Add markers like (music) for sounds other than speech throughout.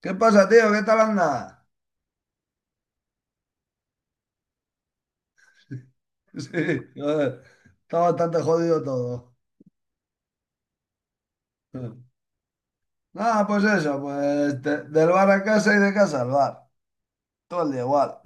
¿Qué pasa, tío? ¿Qué tal anda? (laughs) Sí, joder, está bastante jodido todo. Nada, pues eso, pues de- del bar a casa y de casa al bar. Todo el día igual.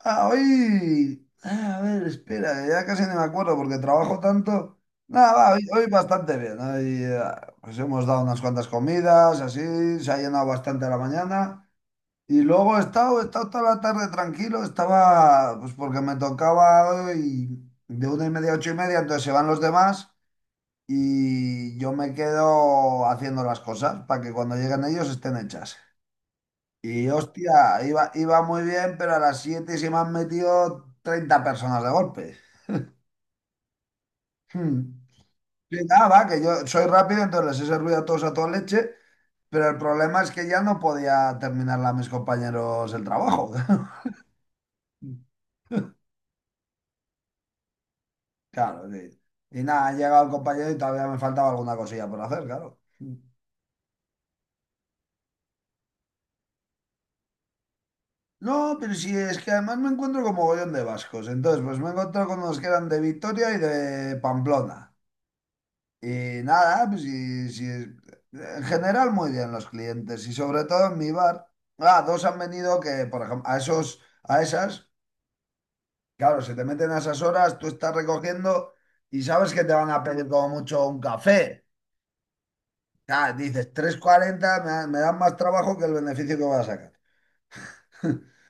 Ah, hoy... A ver, espera, que ya casi no me acuerdo porque trabajo tanto. Nada, va, hoy bastante bien. Hoy, pues hemos dado unas cuantas comidas, así, se ha llenado bastante la mañana. Y luego he estado toda la tarde tranquilo, estaba, pues porque me tocaba hoy de una y media a ocho y media, entonces se van los demás y yo me quedo haciendo las cosas para que cuando lleguen ellos estén hechas. Y hostia, iba muy bien, pero a las siete se me han metido 30 personas de golpe. Hmm. Y nada, va, que yo soy rápido, entonces les he servido a todos a toda leche, pero el problema es que ya no podía terminarla a mis compañeros el trabajo. (laughs) Claro, sí. Y nada, ha llegado el compañero y todavía me faltaba alguna cosilla por hacer, claro. No, pero sí, es que además me encuentro con mogollón de vascos. Entonces, pues me encuentro con los que eran de Vitoria y de Pamplona. Y nada, pues sí, sí, en general muy bien los clientes y sobre todo en mi bar. Ah, dos han venido que, por ejemplo, a esos, a esas, claro, se te meten a esas horas, tú estás recogiendo y sabes que te van a pedir como mucho un café. Ah, dices, 3.40 me dan más trabajo que el beneficio que voy a sacar. (laughs)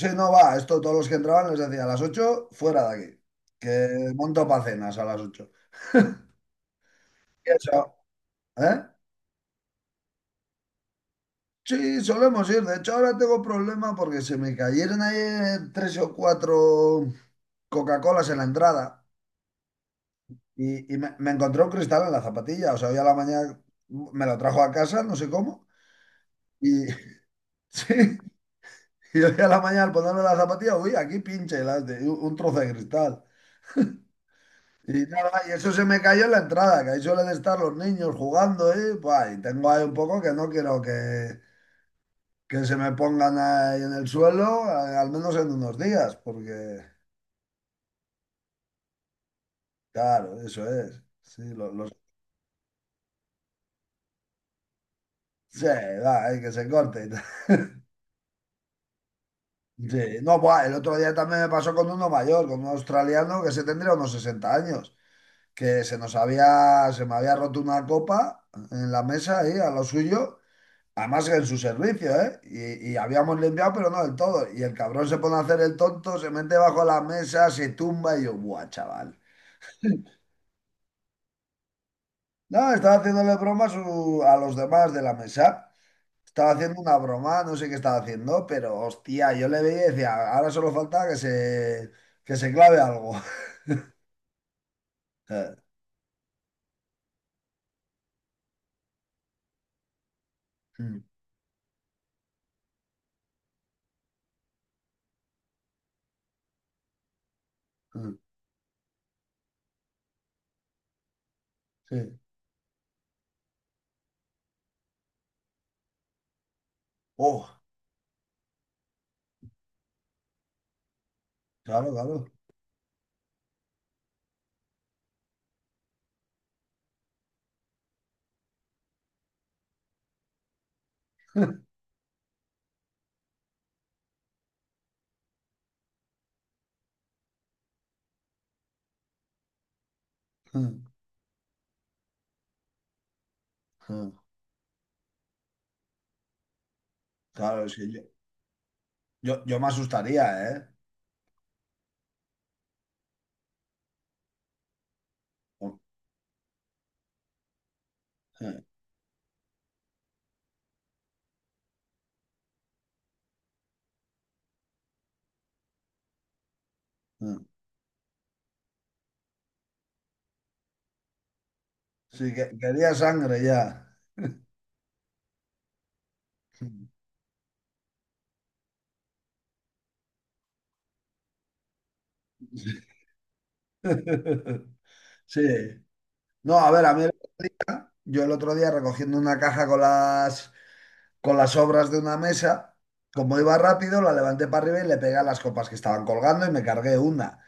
Sí, no va, esto todos los que entraban les decía a las 8 fuera de aquí, que monto para cenas a las ocho. Y eso, ¿eh? Sí, solemos ir. De hecho, ahora tengo problema porque se me cayeron ayer tres o cuatro Coca-Colas en la entrada y me encontré un cristal en la zapatilla. O sea, hoy a la mañana me lo trajo a casa, no sé cómo, y (laughs) sí, y hoy a la mañana al ponerme la zapatilla, uy, aquí pinche un trozo de cristal. Y nada, y eso se me cayó en la entrada, que ahí suelen estar los niños jugando, ¿eh? Buah, y tengo ahí un poco que no quiero que se me pongan ahí en el suelo, al menos en unos días, porque, claro, eso es. Sí, los, sí, va, ahí que se corte. (laughs) Sí, no, buah, el otro día también me pasó con uno mayor, con un australiano que se tendría unos 60 años, que se me había roto una copa en la mesa ahí, a lo suyo. Además en su servicio, ¿eh? Y habíamos limpiado, pero no del todo. Y el cabrón se pone a hacer el tonto, se mete bajo la mesa, se tumba y yo, ¡buah, chaval! No, estaba haciéndole bromas a los demás de la mesa. Estaba haciendo una broma, no sé qué estaba haciendo, pero hostia, yo le veía y decía, ahora solo falta que se clave algo. (laughs) Mm, mm, Sí. Oh, claro, claro. (laughs) Mm, Claro, es que yo me asustaría, ¿eh? Mm, mm. Sí, quería sangre ya. (laughs) Sí. No, a ver, a mí, yo el otro día recogiendo una caja con las obras de una mesa, como iba rápido, la levanté para arriba y le pegué a las copas que estaban colgando y me cargué una.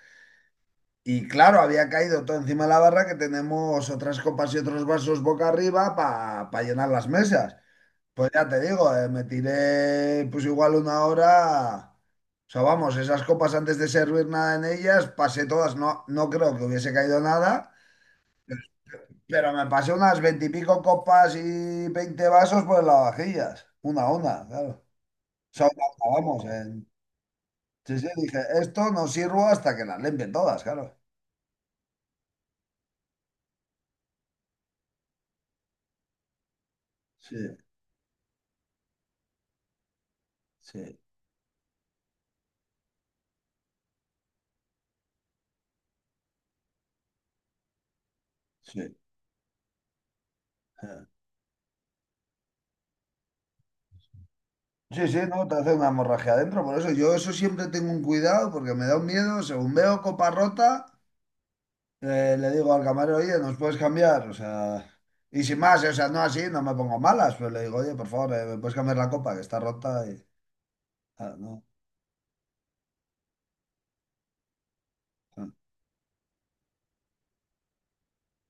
Y claro, había caído todo encima de la barra que tenemos otras copas y otros vasos boca arriba para llenar las mesas. Pues ya te digo, me tiré pues igual una hora. O sea, vamos, esas copas antes de servir nada en ellas, pasé todas, no, no creo que hubiese caído nada. Pero me pasé unas 20 y pico copas y 20 vasos por el lavavajillas. Una a una, claro. Son vamos. Sí, sí, dije, esto no sirvo hasta que las limpien todas, claro. Sí, sí, sí. eh. Sí, sí, no, te hace una hemorragia adentro. Por eso yo eso siempre tengo un cuidado porque me da un miedo. Según veo copa rota, le digo al camarero, oye, ¿nos puedes cambiar? O sea, y sin más, o sea, no así, no me pongo malas, pues le digo, oye, por favor, ¿me puedes cambiar la copa que está rota? Y, ah, no. no,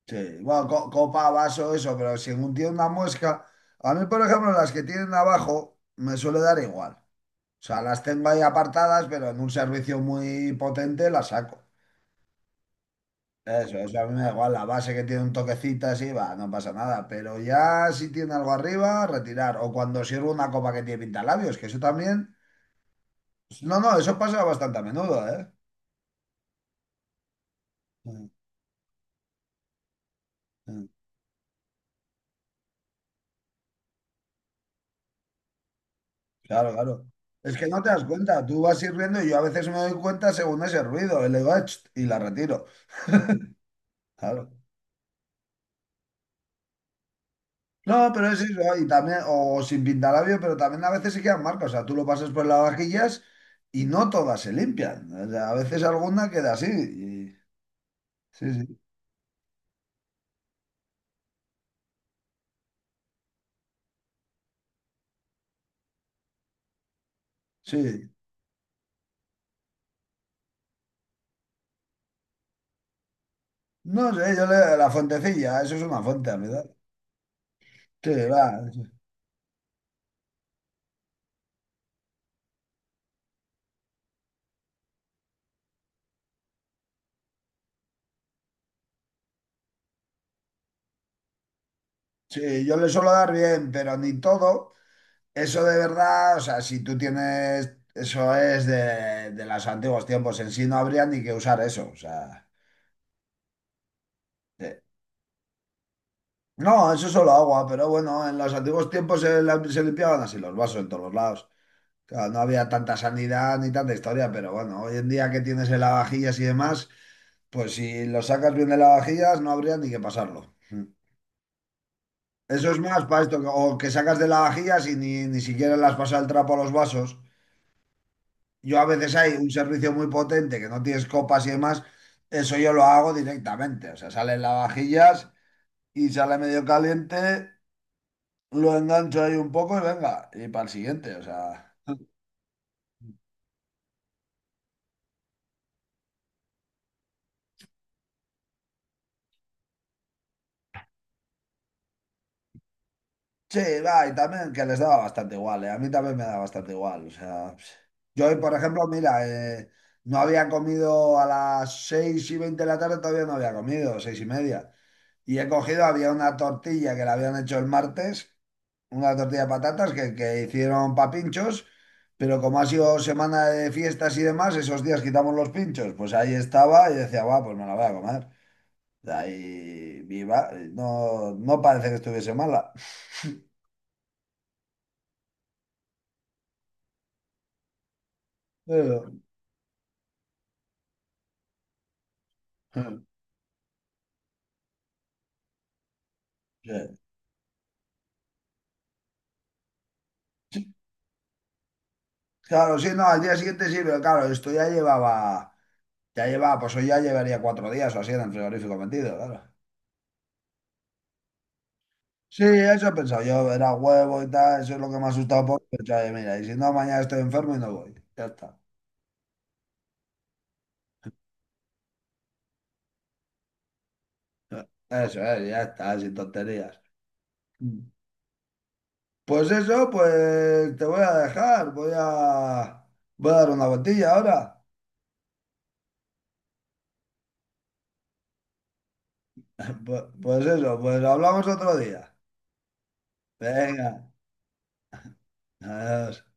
Sí, bueno, copa, vaso, eso, pero si tiene una muesca, a mí, por ejemplo, las que tienen abajo me suele dar igual. O sea, las tengo ahí apartadas, pero en un servicio muy potente las saco. Eso a mí me da igual, la base que tiene un toquecito así, va, no pasa nada. Pero ya si tiene algo arriba, retirar. O cuando sirvo una copa que tiene pintalabios, que eso también... No, no, eso pasa bastante a menudo, ¿eh? Mm, mm, Claro, claro. Es que no te das cuenta, tú vas sirviendo y yo a veces me doy cuenta según ese ruido, y le digo, "Ach", y la retiro. Claro. No, pero es eso, y también, o sin pintalabio, pero también a veces se quedan marcas. O sea, tú lo pasas por las vajillas y no todas se limpian. O sea, a veces alguna queda así. Sí, sí, sí. No sé, yo le... la fuentecilla, eso es una fuente, a mi edad. Sí, va. Sí, yo le suelo dar bien, pero ni todo. Eso de verdad, o sea, si tú tienes, eso es de los antiguos tiempos. En sí no habría ni que usar eso. O sea, eh, no, eso es solo agua, pero bueno, en los antiguos tiempos se limpiaban así los vasos en todos los lados. Claro, no había tanta sanidad ni tanta historia, pero bueno, hoy en día que tienes el lavavajillas y demás, pues si lo sacas bien de lavavajillas no habría ni que pasarlo. Mm. Eso es más para esto, o que sacas de lavavajillas y ni siquiera las pasas el trapo a los vasos. Yo a veces hay un servicio muy potente que no tienes copas y demás, eso yo lo hago directamente, o sea, salen lavavajillas y sale medio caliente, lo engancho ahí un poco y venga, y para el siguiente, o sea. Sí, va, y también que les daba bastante igual, ¿eh? A mí también me da bastante igual, o sea. Yo hoy, por ejemplo, mira, no había comido a las seis y 20 de la tarde, todavía no había comido, seis y media. Y he cogido, había una tortilla que la habían hecho el martes, una tortilla de patatas que hicieron para pinchos, pero como ha sido semana de fiestas y demás, esos días quitamos los pinchos, pues ahí estaba y decía, va, pues me la voy a comer. Ahí viva, no, no parece que estuviese mala. Eso. Sí. Claro, sí, no, al día siguiente sí, pero claro, esto ya llevaba, pues hoy ya llevaría 4 días o así en el frigorífico metido, claro. Sí, eso he pensado yo, era huevo y tal, eso es lo que me ha asustado un poco. He pensado, oye, mira, y si no, mañana estoy enfermo y no voy. Ya está. Eso es, ya está, sin tonterías. Pues eso, pues te voy a dejar, voy a dar una vueltilla ahora. Pues eso, pues hablamos otro día. Venga, adiós.